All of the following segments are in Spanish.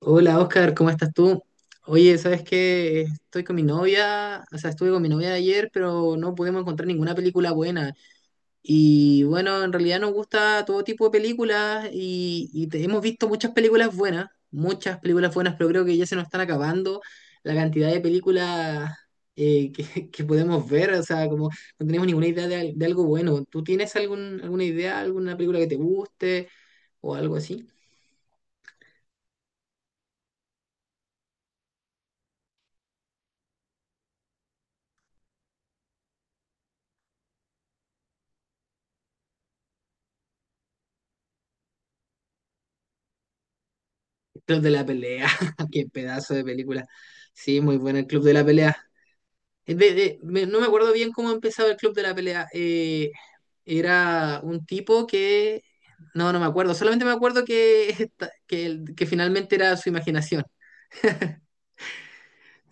Hola Oscar, ¿cómo estás tú? Oye, ¿sabes qué? Estoy con mi novia, o sea, estuve con mi novia ayer, pero no pudimos encontrar ninguna película buena. Y bueno, en realidad nos gusta todo tipo de películas y hemos visto muchas películas buenas, pero creo que ya se nos están acabando la cantidad de películas que podemos ver, o sea, como no tenemos ninguna idea de algo bueno. ¿Tú tienes alguna idea, alguna película que te guste o algo así? Club de la Pelea, qué pedazo de película. Sí, muy buena el Club de la Pelea. No me acuerdo bien cómo empezaba el Club de la Pelea. Era un tipo que... No, me acuerdo. Solamente me acuerdo que, esta- que, el- que finalmente era su imaginación.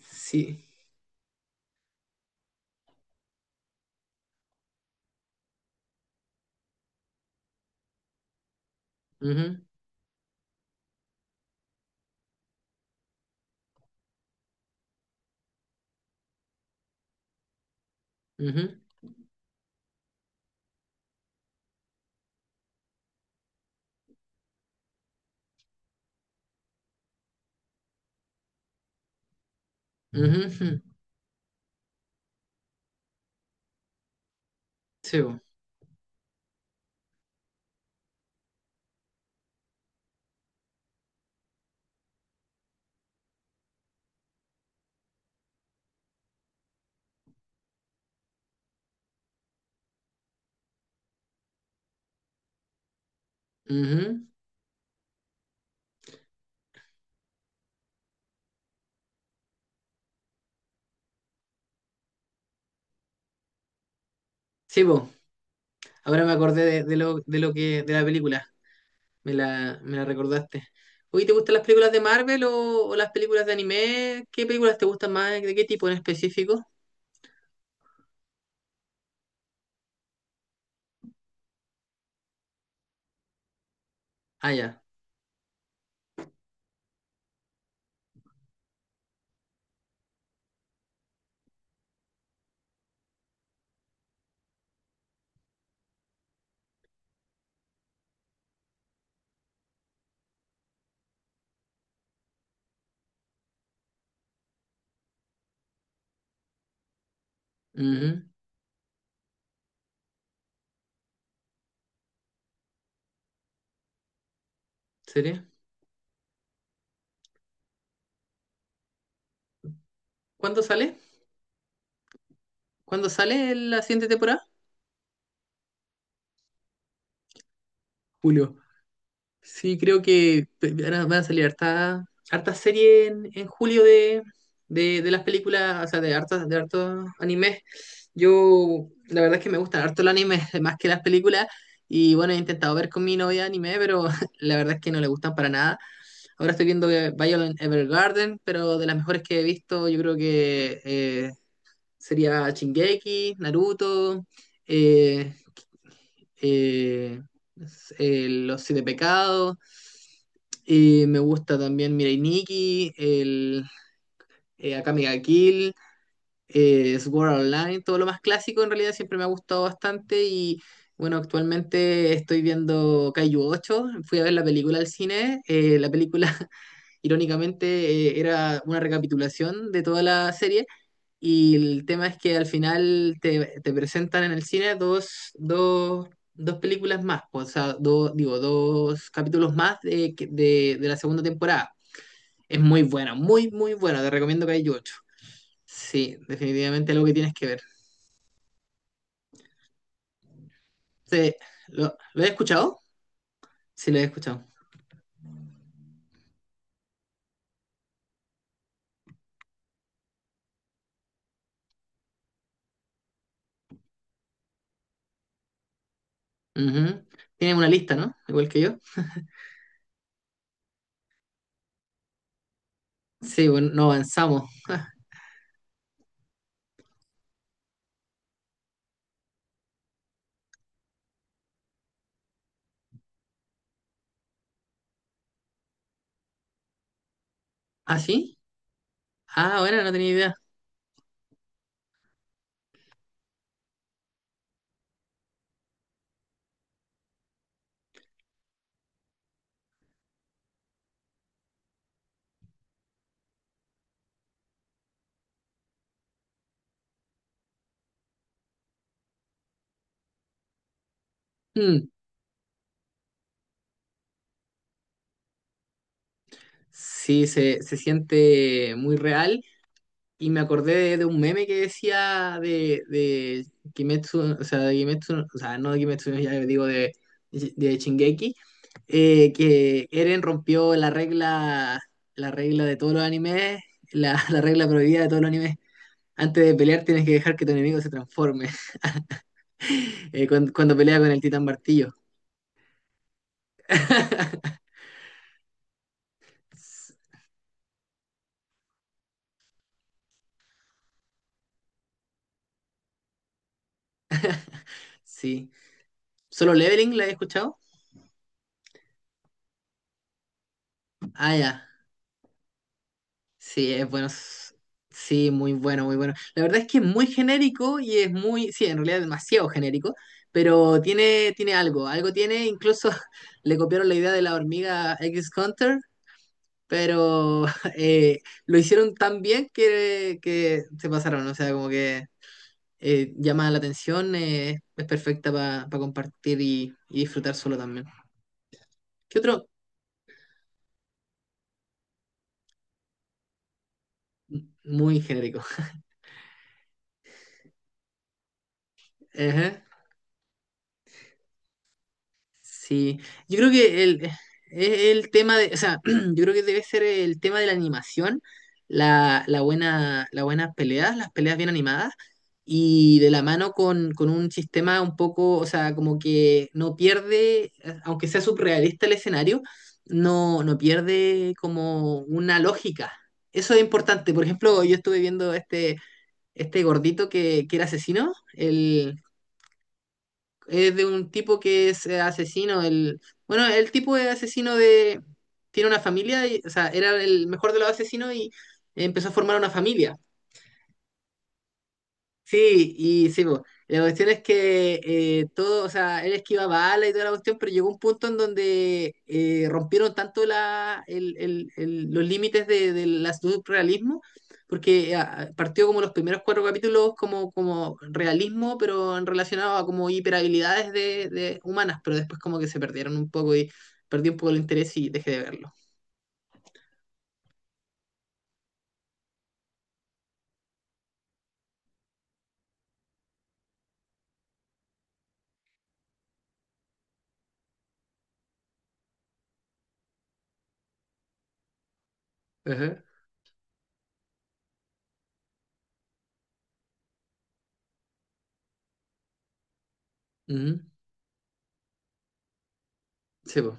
Sí. Ujú, ujú, ujú, ujú. Sí, bo. Ujú. Sí, bo. Ahora me acordé de la película. Me la recordaste. Oye, ¿te gustan las películas de Marvel o las películas de anime? ¿Qué películas te gustan más? ¿De qué tipo en específico? Ah, ya. Ujú. ¿Sería? ¿Cuándo sale? ¿Cuándo sale la siguiente temporada? Julio. Sí, creo que van a salir harta, harta serie en julio de las películas, o sea, de hartos animes. Yo, la verdad es que me gustan harto el anime, más que las películas. Y bueno, he intentado ver con mi novia anime, pero la verdad es que no le gustan para nada. Ahora estoy viendo que Violet Evergarden, pero de las mejores que he visto, yo creo que sería Shingeki, Naruto, eh, eh, Los Siete Pecados. Y me gusta también Mirai Nikki, el Akame ga Kill, Sword Art Online, todo lo más clásico en realidad siempre me ha gustado bastante y bueno, actualmente estoy viendo Kaiju 8, fui a ver la película al cine, la película irónicamente era una recapitulación de toda la serie y el tema es que al final te presentan en el cine dos películas más, o sea, dos, digo, dos capítulos más de la segunda temporada. Es muy buena, muy, muy buena, te recomiendo que hay ocho. Sí, definitivamente algo que tienes que ver. Sí, lo he escuchado? Sí, lo he escuchado. Ujú. Tienen una lista, ¿no? Igual que yo. Sí, bueno, no avanzamos. ¿Ah, sí? Ah, bueno, no tenía idea. Hmm. Sí, se siente muy real. Y me acordé de un meme que decía de Kimetsu, o sea, de Kimetsu, o sea, no de Kimetsu, ya digo de Shingeki, que Eren rompió la regla de todos los animes, la regla prohibida de todos los animes. Antes de pelear tienes que dejar que tu enemigo se transforme, cuando pelea con el Titán Martillo. Sí. ¿Solo Leveling la he escuchado? Ah, ya. Sí, es bueno. s- Sí, muy bueno, muy bueno. La verdad es que es muy genérico y es muy, sí, en realidad es demasiado genérico, pero tiene, tiene algo, algo tiene, incluso le copiaron la idea de la hormiga X Hunter, pero eh, lo hicieron tan bien que se pasaron, o sea, como que llama la atención, es perfecta para compartir y disfrutar solo también. ¿Qué otro? Muy genérico. Ajá. Sí, yo creo que el, es el tema de, o sea, yo creo que debe ser el tema de la animación, la buena, las buenas peleas, las peleas bien animadas, y de la mano con un sistema un poco, o sea, como que no pierde, aunque sea surrealista el escenario, no pierde como una lógica. Eso es importante. Por ejemplo, yo estuve viendo este, este gordito que era asesino, es de un tipo que es asesino. El, bueno, el tipo de asesino de... Tiene una familia, o sea, era el mejor de los asesinos y empezó a formar una familia. Sí, y sí, po. La cuestión es que todo, o sea, él esquivaba balas y toda la cuestión, pero llegó un punto en donde rompieron tanto la, el- los límites del surrealismo, porque ah, partió como los primeros cuatro capítulos como, como realismo, pero en relacionado a como hiperhabilidades de humanas, pero después como que se perdieron un poco y perdí un poco el interés y dejé de verlo. Ajá. Ujú. Sí, po.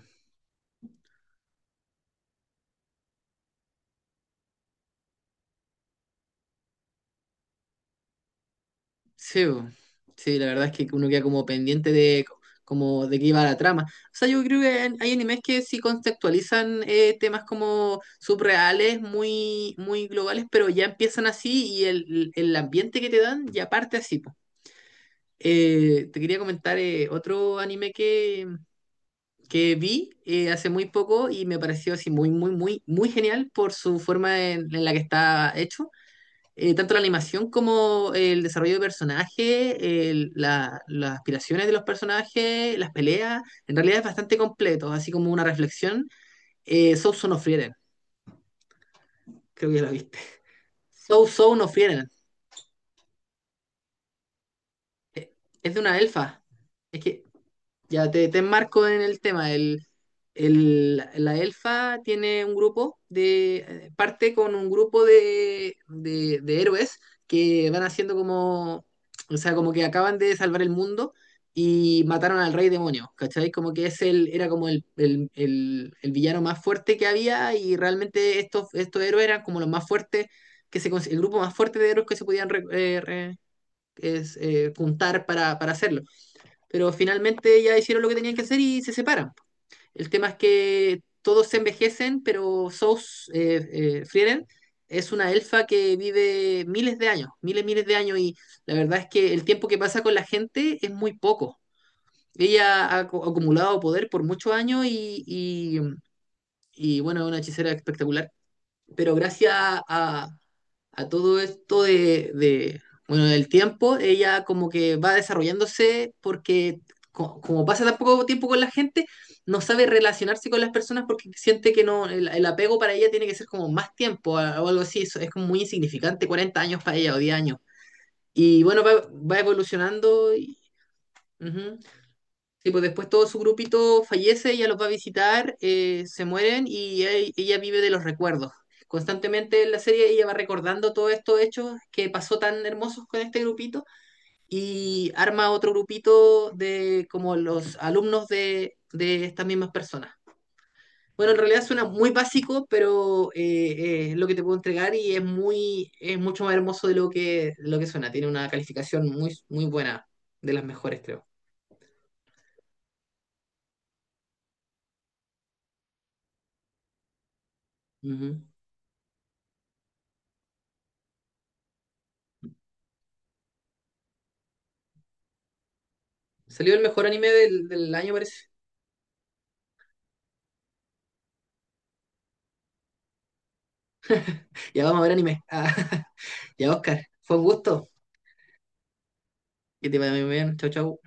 Sí, bo. Sí, la verdad es que uno queda como pendiente de como de qué iba la trama. O sea, yo creo que hay hay animes que sí contextualizan temas como subreales, muy, muy globales, pero ya empiezan así y el ambiente que te dan ya parte así. Po. Te quería comentar otro anime que vi hace muy poco y me pareció así muy, muy, muy, muy genial por su forma en la que está hecho tanto la animación como el desarrollo de personaje, las aspiraciones de los personajes, las peleas, en realidad es bastante completo, así como una reflexión. So So no Frieren, creo que ya la viste. So So no Frieren, eh, es de una elfa. Es que ya te enmarco en el tema. El, la elfa tiene un grupo de, parte con un grupo de héroes que van haciendo como, o sea, como que acaban de salvar el mundo y mataron al rey demonio, ¿cachai? Como que es el, era como el villano más fuerte que había y realmente estos, estos héroes eran como los más fuertes, el grupo más fuerte de héroes que se podían juntar para hacerlo, pero finalmente ya hicieron lo que tenían que hacer y se separan. El tema es que todos se envejecen, pero Sous Frieren es una elfa que vive miles de años, miles, miles de años, y la verdad es que el tiempo que pasa con la gente es muy poco. Ella ha acumulado poder por muchos años bueno, es una hechicera espectacular, pero gracias a todo esto de, bueno, del tiempo, ella como que va desarrollándose porque como pasa tan poco tiempo con la gente, no sabe relacionarse con las personas porque siente que no, el apego para ella tiene que ser como más tiempo o algo así, eso es como muy insignificante, 40 años para ella o 10 años. Y bueno, va, va evolucionando y, ujú. Sí, pues después todo su grupito fallece, ella los va a visitar, se mueren ella vive de los recuerdos. Constantemente en la serie ella va recordando todos estos hechos que pasó tan hermosos con este grupito y arma otro grupito de como los alumnos de estas mismas personas. Bueno, en realidad suena muy básico, pero es lo que te puedo entregar y es muy, es mucho más hermoso de lo que suena. Tiene una calificación muy, muy buena, de las mejores, creo. Ujú. Salió el mejor anime del, del año, parece. Ya vamos a ver anime. Ah, ya, Oscar. Fue un gusto. Que te vaya muy bien. Chau, chau.